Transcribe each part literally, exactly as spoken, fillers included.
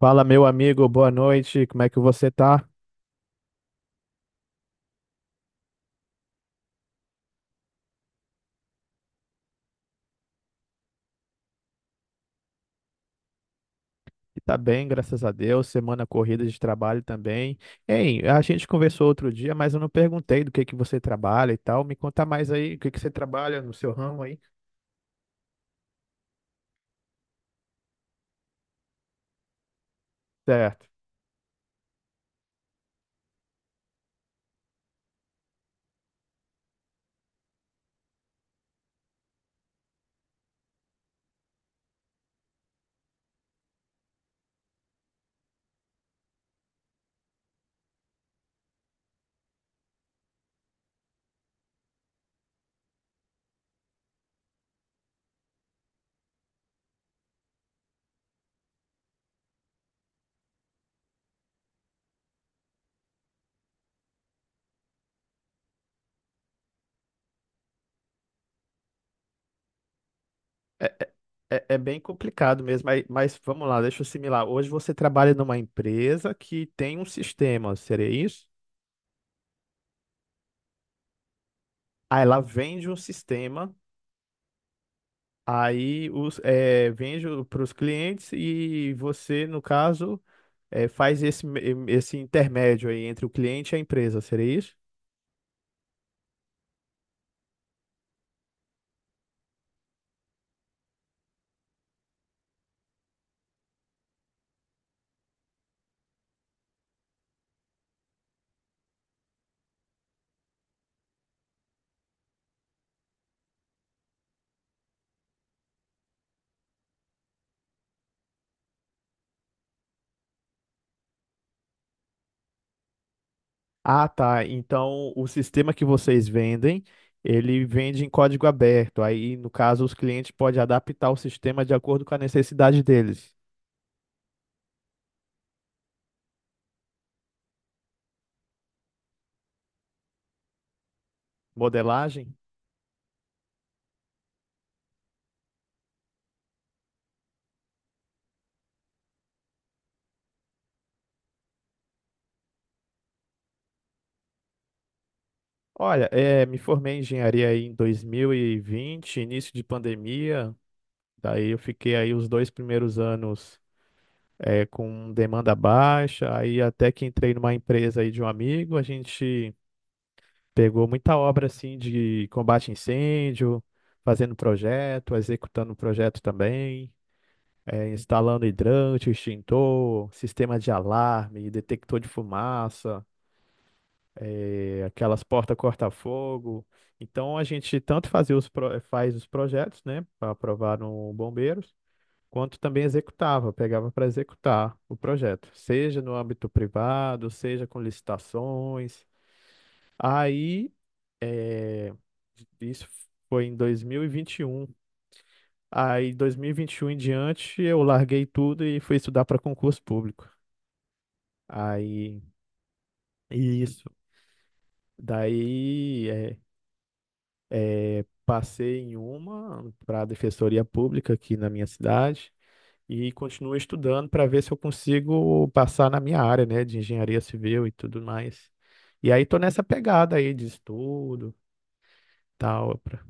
Fala, meu amigo, boa noite. Como é que você tá? Tá bem, graças a Deus. Semana corrida de trabalho também. Hein, a gente conversou outro dia, mas eu não perguntei do que que você trabalha e tal. Me conta mais aí, o que que você trabalha no seu ramo aí? Certo. É, é, é é bem complicado mesmo, aí- mas vamos lá, deixa eu assimilar. Hoje você trabalha numa empresa que tem um sistema, seria isso? Aí ela vende um sistema, aí os, é, vende para os clientes e você, no caso, é, faz esse, me- esse intermédio aí entre o cliente e a empresa, seria isso? Ah, tá. Então o sistema que vocês vendem, ele vende em código aberto. Aí, no caso, os clientes podem adaptar o sistema de acordo com a necessidade deles. Modelagem? Olha, eh, me formei em engenharia aí em dois mil e vinte, início de pandemia. Daí eu fiquei aí os dois primeiros anos eh, com demanda baixa. Aí até que entrei numa empresa aí de um amigo, a gente pegou muita obra assim de combate a incêndio, fazendo projeto, executando projeto também, eh, instalando hidrante, extintor, sistema de alarme, detector de fumaça, aquelas portas corta-fogo. Então a gente tanto fazia os pro- faz os projetos, né, para aprovar no Bombeiros, quanto também executava, pegava para executar o projeto, seja no âmbito privado, seja com licitações. Aí isso foi em dois mil e e vinte e um. Aí dois mil e e vinte e um em diante eu larguei tudo e fui estudar para concurso público. Aí isso. Daí é, é, passei em uma para a Defensoria Pública aqui na minha cidade e continuo estudando para ver se eu consigo passar na minha área, né, de engenharia civil e tudo mais. E aí tô nessa pegada aí de estudo, tal, pra-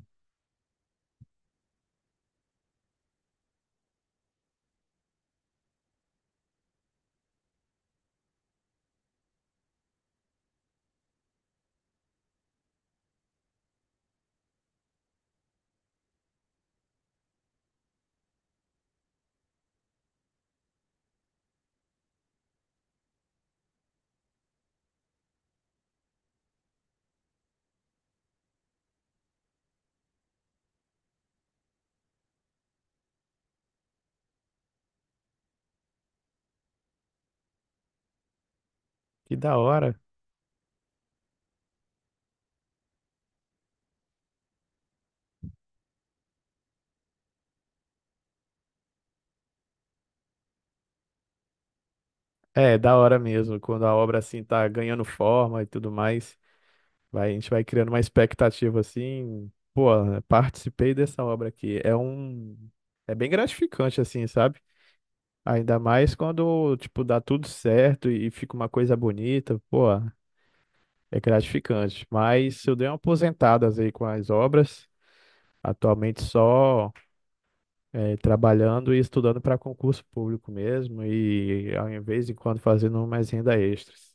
que da hora. É, da hora mesmo, quando a obra assim tá ganhando forma e tudo mais. Vai, a gente vai criando uma expectativa assim, pô, participei dessa obra aqui. É um, é bem gratificante assim, sabe? Ainda mais quando, tipo, dá tudo certo e fica uma coisa bonita, pô, é gratificante. Mas eu dei uma aposentada aí com as obras, atualmente só eh, trabalhando e estudando para concurso público mesmo e ao invés de quando fazendo mais renda extras.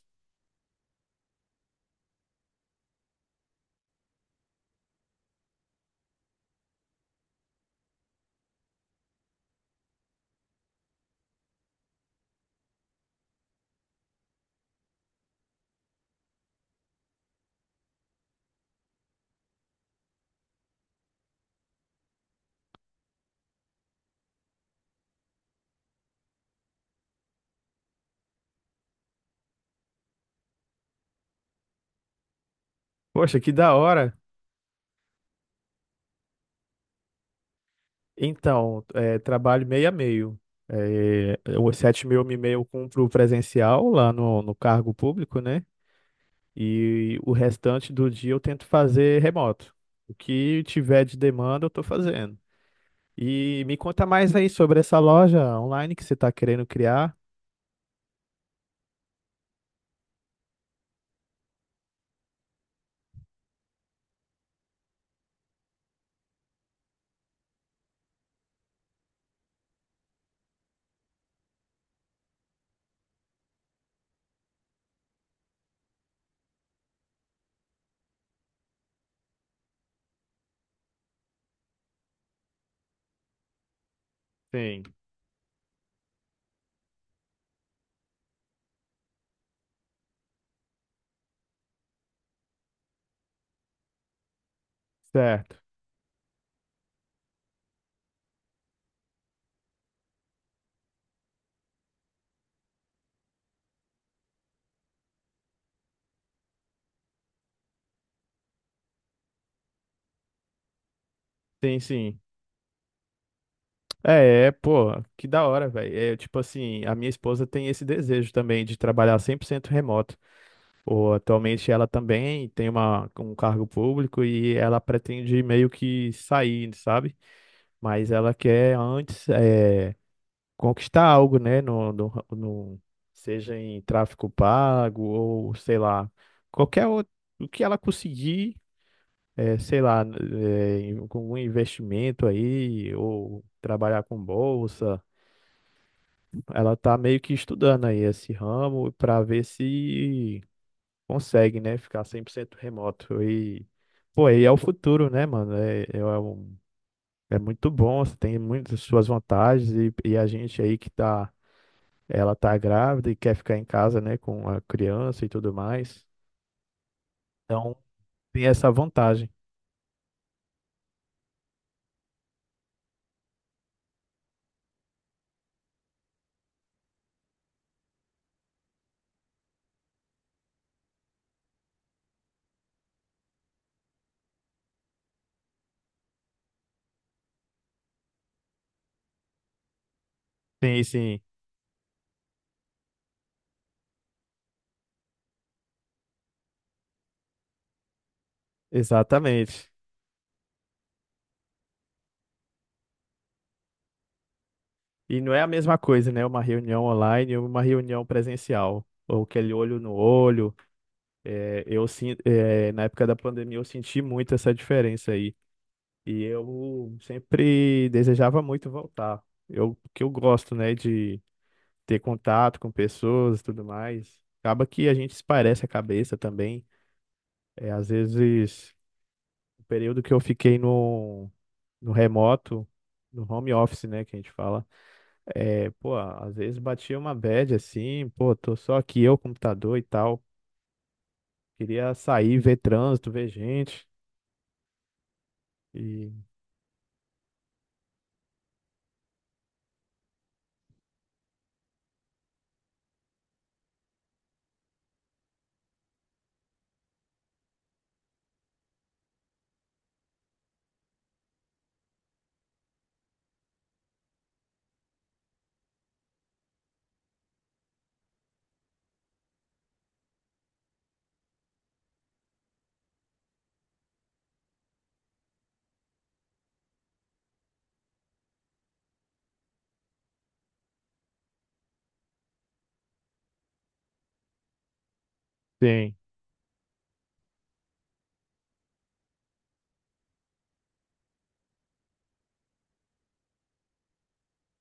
Poxa, que da hora! Então, é, trabalho meio a meio. É, os sete mil eu me meio cumpro presencial lá no, no cargo público, né? E o restante do dia eu tento fazer remoto. O que tiver de demanda eu tô fazendo. E me conta mais aí sobre essa loja online que você tá querendo criar. Sim, certo. Sim, sim. É, é, pô, que da hora, velho. É tipo assim, a minha esposa tem esse desejo também de trabalhar cem por cento remoto. Pô, atualmente ela também tem uma, um cargo público e ela pretende meio que sair, sabe? Mas ela quer antes eh, conquistar algo, né? No, no, no- seja em tráfico pago ou sei lá, qualquer outro, o que ela conseguir, eh, sei lá, eh, em- com um investimento aí ou trabalhar com bolsa, ela tá meio que estudando aí esse ramo para ver se consegue, né, ficar cem por cento remoto e pô, e é o futuro, né, mano? É, é, um- é muito bom, você tem muitas suas vantagens e, e a gente aí que tá, ela tá grávida e quer ficar em casa, né, com a criança e tudo mais. Então, tem essa vantagem. Sim, sim, exatamente. E não é a mesma coisa, né? Uma reunião online ou uma reunião presencial. Ou aquele olho no olho. É, eu, sin- é, na época da pandemia eu senti muito essa diferença aí. E eu sempre desejava muito voltar. Eu que eu gosto, né, de ter contato com pessoas e tudo mais. Acaba que a gente esparece a cabeça também. É, às vezes, o período que eu fiquei no, no remoto, no home office, né, que a gente fala, é, pô, às vezes batia uma bad assim, pô, tô só aqui eu, computador e tal. Queria sair, ver trânsito, ver gente. E, sim,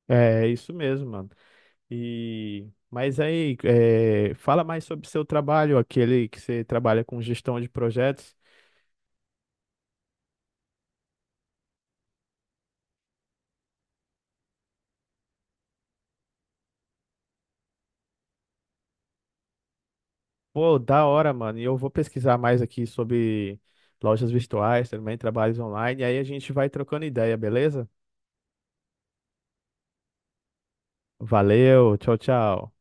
é isso mesmo, mano. E mas aí, é, fala mais sobre o seu trabalho, aquele que você trabalha com gestão de projetos. Pô, da hora, mano. E eu vou pesquisar mais aqui sobre lojas virtuais, também trabalhos online. E aí a gente vai trocando ideia, beleza? Valeu, tchau, tchau.